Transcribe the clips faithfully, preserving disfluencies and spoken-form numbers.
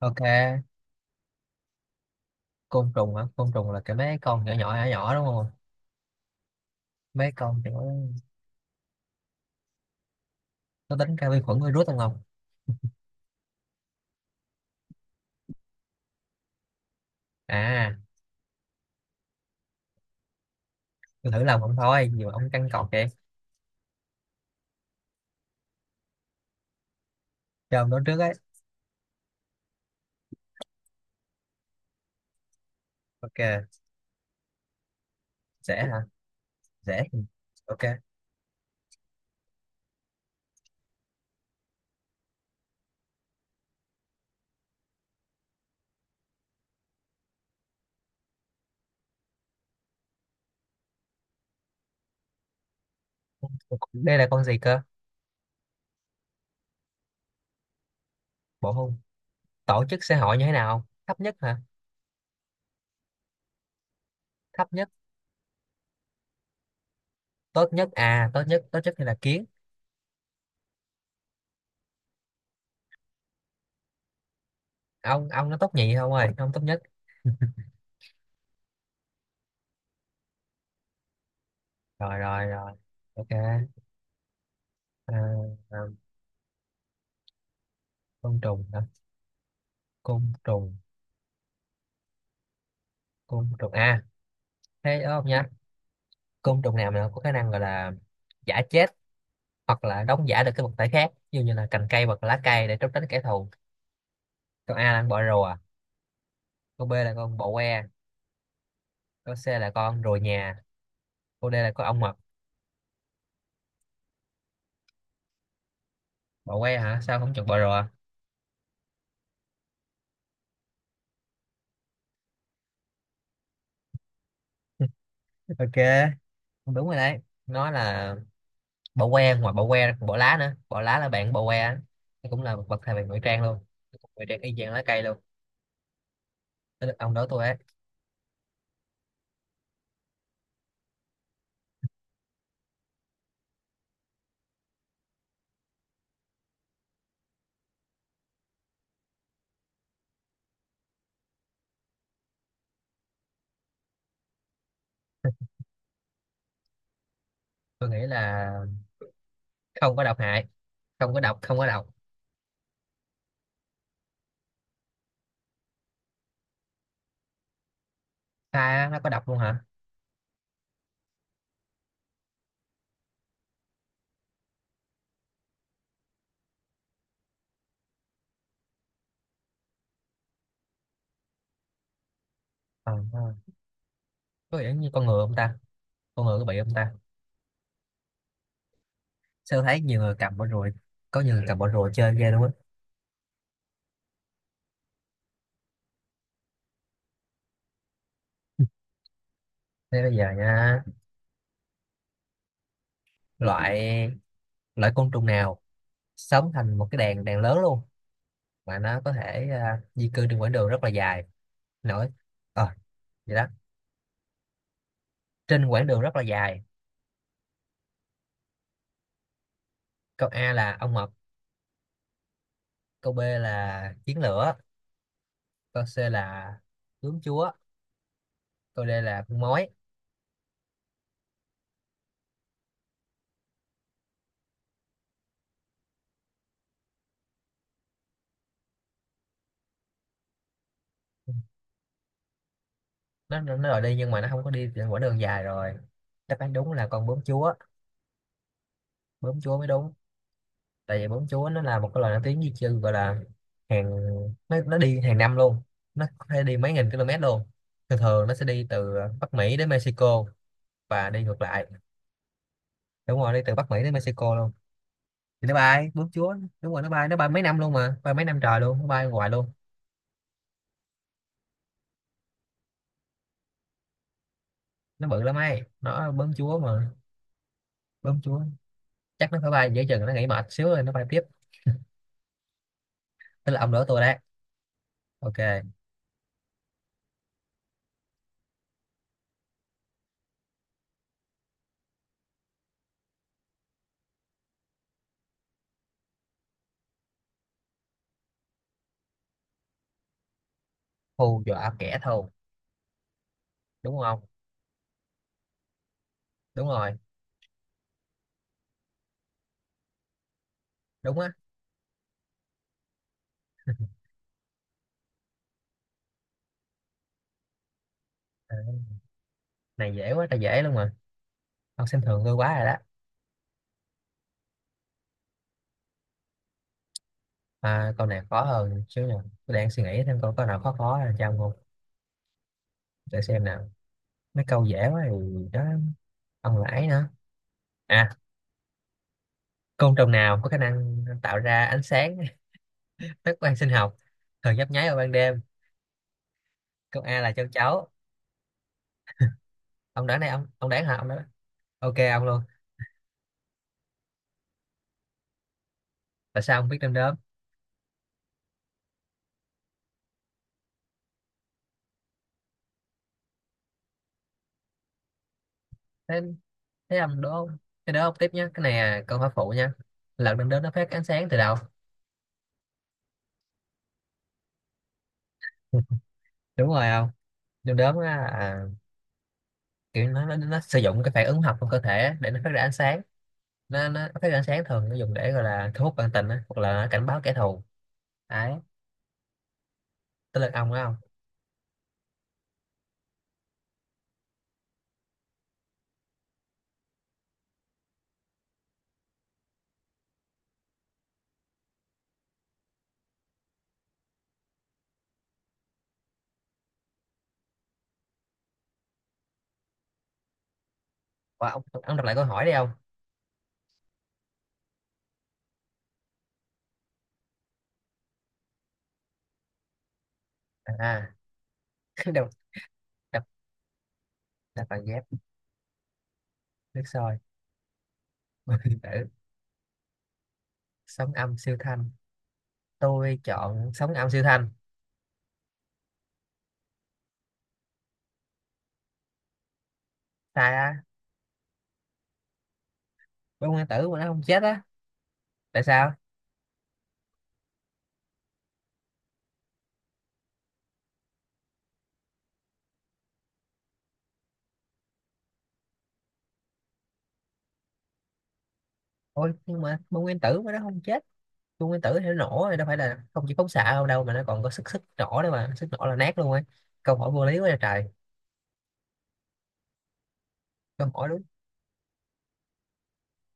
Ok, côn trùng hả? Côn trùng là cái mấy con nhỏ nhỏ nhỏ nhỏ đúng không? Mấy con kiểu nó tính cả vi khuẩn virus không không? À, tôi thử làm không thôi, nhiều ông căng cọc vậy. Cho ông nói trước ấy. Ok, dễ hả? Dễ. thì- Ok. Đây là con gì cơ? Bộ hung. Tổ chức xã hội như thế nào? Thấp nhất hả? Thấp nhất, tốt nhất à, tốt nhất, tốt nhất thì là kiến. Ông ông nó tốt nhì không ơi, ông tốt nhất. Rồi rồi rồi. Ok. À, à, côn trùng hả? Côn trùng, côn trùng à, thế đúng không nhá? Côn trùng nào mà có khả năng gọi là giả chết hoặc là đóng giả được cái vật thể khác, ví dụ như là cành cây hoặc là lá cây, để trốn tránh kẻ thù. Câu A là con bọ rùa, câu B là con bọ que, câu C là con rùa nhà, câu D là con ong mật. Bọ que hả? Sao không chọn bọ rùa? Ok, đúng rồi đấy, nó là bọ que. Ngoài bọ que ra còn bọ lá nữa, bọ lá là bạn bọ que á. Nó cũng là một vật thể về ngụy trang luôn, ngụy trang y chang lá cây luôn. Tới lượt ông đó tôi ấy. Tôi nghĩ là không có độc hại, không có độc không có độc. Sai á, nó có độc luôn hả? Ờ, có vẻ như con ngựa không ta, con ngựa có bị không ta? Sao thấy nhiều người cầm bỏ rùi, có nhiều người cầm bỏ rùi chơi ghê luôn á. Thế bây giờ nha, loại loại côn trùng nào sống thành một cái đàn đàn lớn luôn, mà nó có thể à, di cư trên quãng đường rất là dài. Nổi ờ vậy đó. Trên quãng đường rất là dài. Câu A là ong mật, câu B là kiến lửa, câu C là bướm chúa, câu D là con mói. Nó nó nó rồi đi, nhưng mà nó không có đi trên quãng đường dài rồi. Đáp án đúng là con bướm chúa, bướm chúa mới đúng. Tại vì bún chúa nó là một cái loài nổi tiếng di chư, gọi là hàng nó nó đi hàng năm luôn. Nó có thể đi mấy nghìn km luôn. Thường thường nó sẽ đi từ Bắc Mỹ đến Mexico và đi ngược lại. Đúng rồi, đi từ Bắc Mỹ đến Mexico luôn. Thì nó bay, bướm chúa. Đúng rồi, nó bay, nó bay mấy năm luôn mà, bay mấy năm trời luôn, nó bay hoài luôn. Nó bự lắm ấy, nó bướm chúa mà. Bướm chúa. Chắc nó phải bay giữa chừng, nó nghỉ mệt xíu rồi nó bay tiếp. Tức là ông đỡ tôi đấy. Ok, hù dọa kẻ thù đúng không? Đúng rồi. Đúng á. Này dễ quá trời, dễ luôn mà, ông xem thường tôi quá rồi đó. À, câu này khó hơn xíu nè. Tôi đang suy nghĩ thêm câu có nào khó khó là cho ông không. Để xem nào. Mấy câu dễ quá thì đó. Ông lãi nữa. À, côn trùng nào có khả năng tạo ra ánh sáng, phát quang sinh học, thường nhấp nháy vào ban đêm? Câu A là châu chấu. Ông đoán này, ông ông đoán hả, ông đoán? Ok ông luôn. Tại sao ông biết đom đóm? Thế thế ông đố, thế đố ông tiếp nhé. Cái này là câu hỏi phụ nha. Lợn đom đóm nó phát ánh sáng từ đâu? Đúng rồi không? Đom đóm á, à, kiểu nó, nó nó sử dụng cái phản ứng hóa học trong cơ thể để nó phát ra ánh sáng. Nó nó phát ánh sáng, thường nó dùng để gọi là thu hút bạn tình á hoặc là cảnh báo kẻ thù. Đấy. Tới lượt ông đó không? Ủa, ông ông đọc lại câu hỏi đi ông. À, đọc, đọc đọc bằng ghép. Nước sôi. Điện tử. Sóng âm siêu thanh. Tôi chọn sóng âm siêu thanh. Sai á? Bông nguyên tử mà nó không chết á? Tại sao? Ôi nhưng mà bông nguyên tử mà nó không chết. Bông nguyên tử thì nó nổ rồi, đâu phải là không, chỉ phóng xạ không đâu mà nó còn có sức sức nổ nữa mà, sức nổ là nát luôn ấy. Câu hỏi vô lý quá trời trời. Câu hỏi đúng,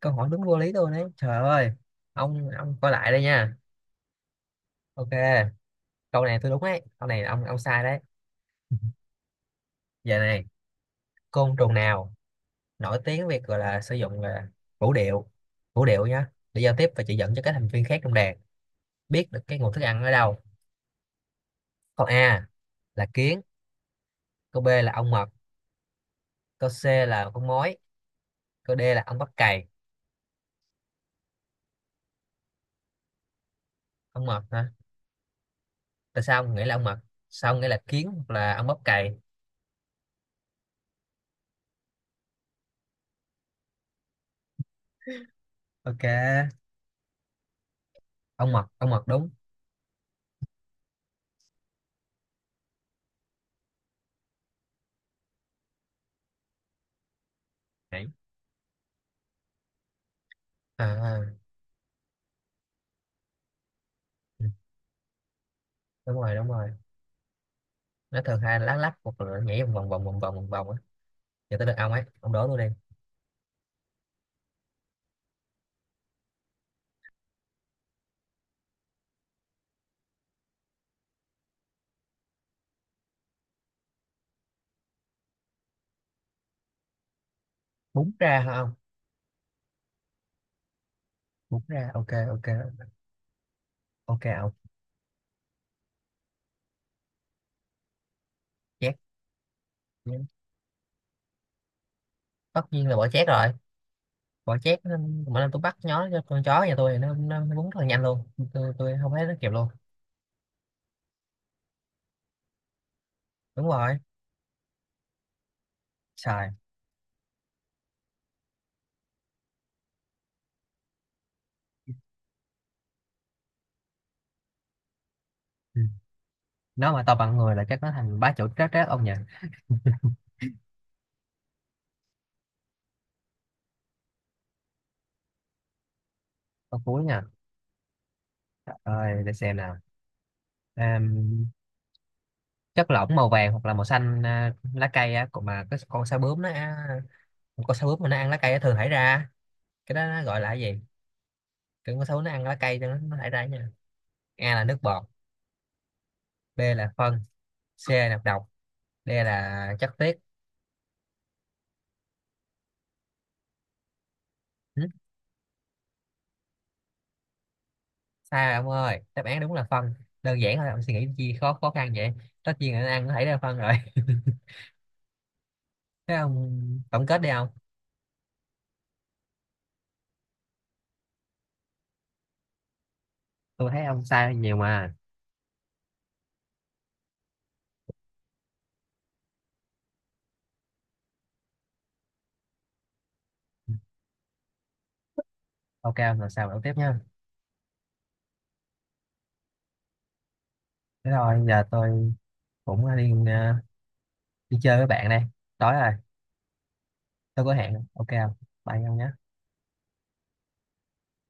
câu hỏi đúng vô lý luôn đấy, trời ơi. Ông ông coi lại đây nha. Ok, câu này tôi đúng ấy, câu này ông ông sai đấy. Giờ này, côn trùng nào nổi tiếng việc gọi là sử dụng là vũ điệu, vũ điệu nhá, để giao tiếp và chỉ dẫn cho các thành viên khác trong đàn biết được cái nguồn thức ăn ở đâu? Câu A là kiến, câu B là ong mật, câu C là con mối, câu D là ong bắp cày. Ong mật hả? Tại sao ông nghĩ là ong mật? Sao ông nghĩ là kiến hoặc là ong bắp cày? Ok, ong mật, ong mật đúng. Đấy. à, à. Ừ, đúng rồi, đúng rồi. Nó thường hay lá lách hoặc là nhảy vòng vòng vòng vòng vòng vòng vòng á. Giờ tới lượt ông ấy, ông đố luôn đi. Bún ra hả ông? Bún ra ok. Ok ok ông chét. Dạ. Tất nhiên là bỏ chét rồi. Bỏ chét nó- mỗi lần tôi bắt nhó cho con chó nhà tôi thì nó nó nó bún rất là nhanh luôn, tôi tôi không thấy nó kịp luôn. Đúng rồi. Trời ừ. Nó mà to bằng người là chắc nó thành bá chủ trát trát ông nhỉ. Con cuối nha. Trời ơi để xem nào. Àm, chất lỏng màu vàng hoặc là màu xanh à, lá cây á, còn mà cái con sao bướm nó à, con sao bướm mà nó ăn lá cây á thường thải ra, cái đó nó gọi là cái gì? Cái con sao bướm nó ăn lá cây cho nó, nó thải ra nha. A là nước bọt, B là phân, C là độc, D là chất tiết. Ừ, sai rồi ông ơi, đáp án đúng là phân. Đơn giản thôi, ông suy nghĩ chi khó khó khăn vậy. Tất nhiên là ăn có thể là phân rồi. Thế ông tổng kết đi ông. Tôi thấy ông sai nhiều mà. Ok ông, lần sao? Đấu tiếp nha. Thế thôi, giờ tôi cũng đi, ờ, đi chơi với bạn đây, tối rồi. Tôi có hẹn. Ok không? Bye ông nhé.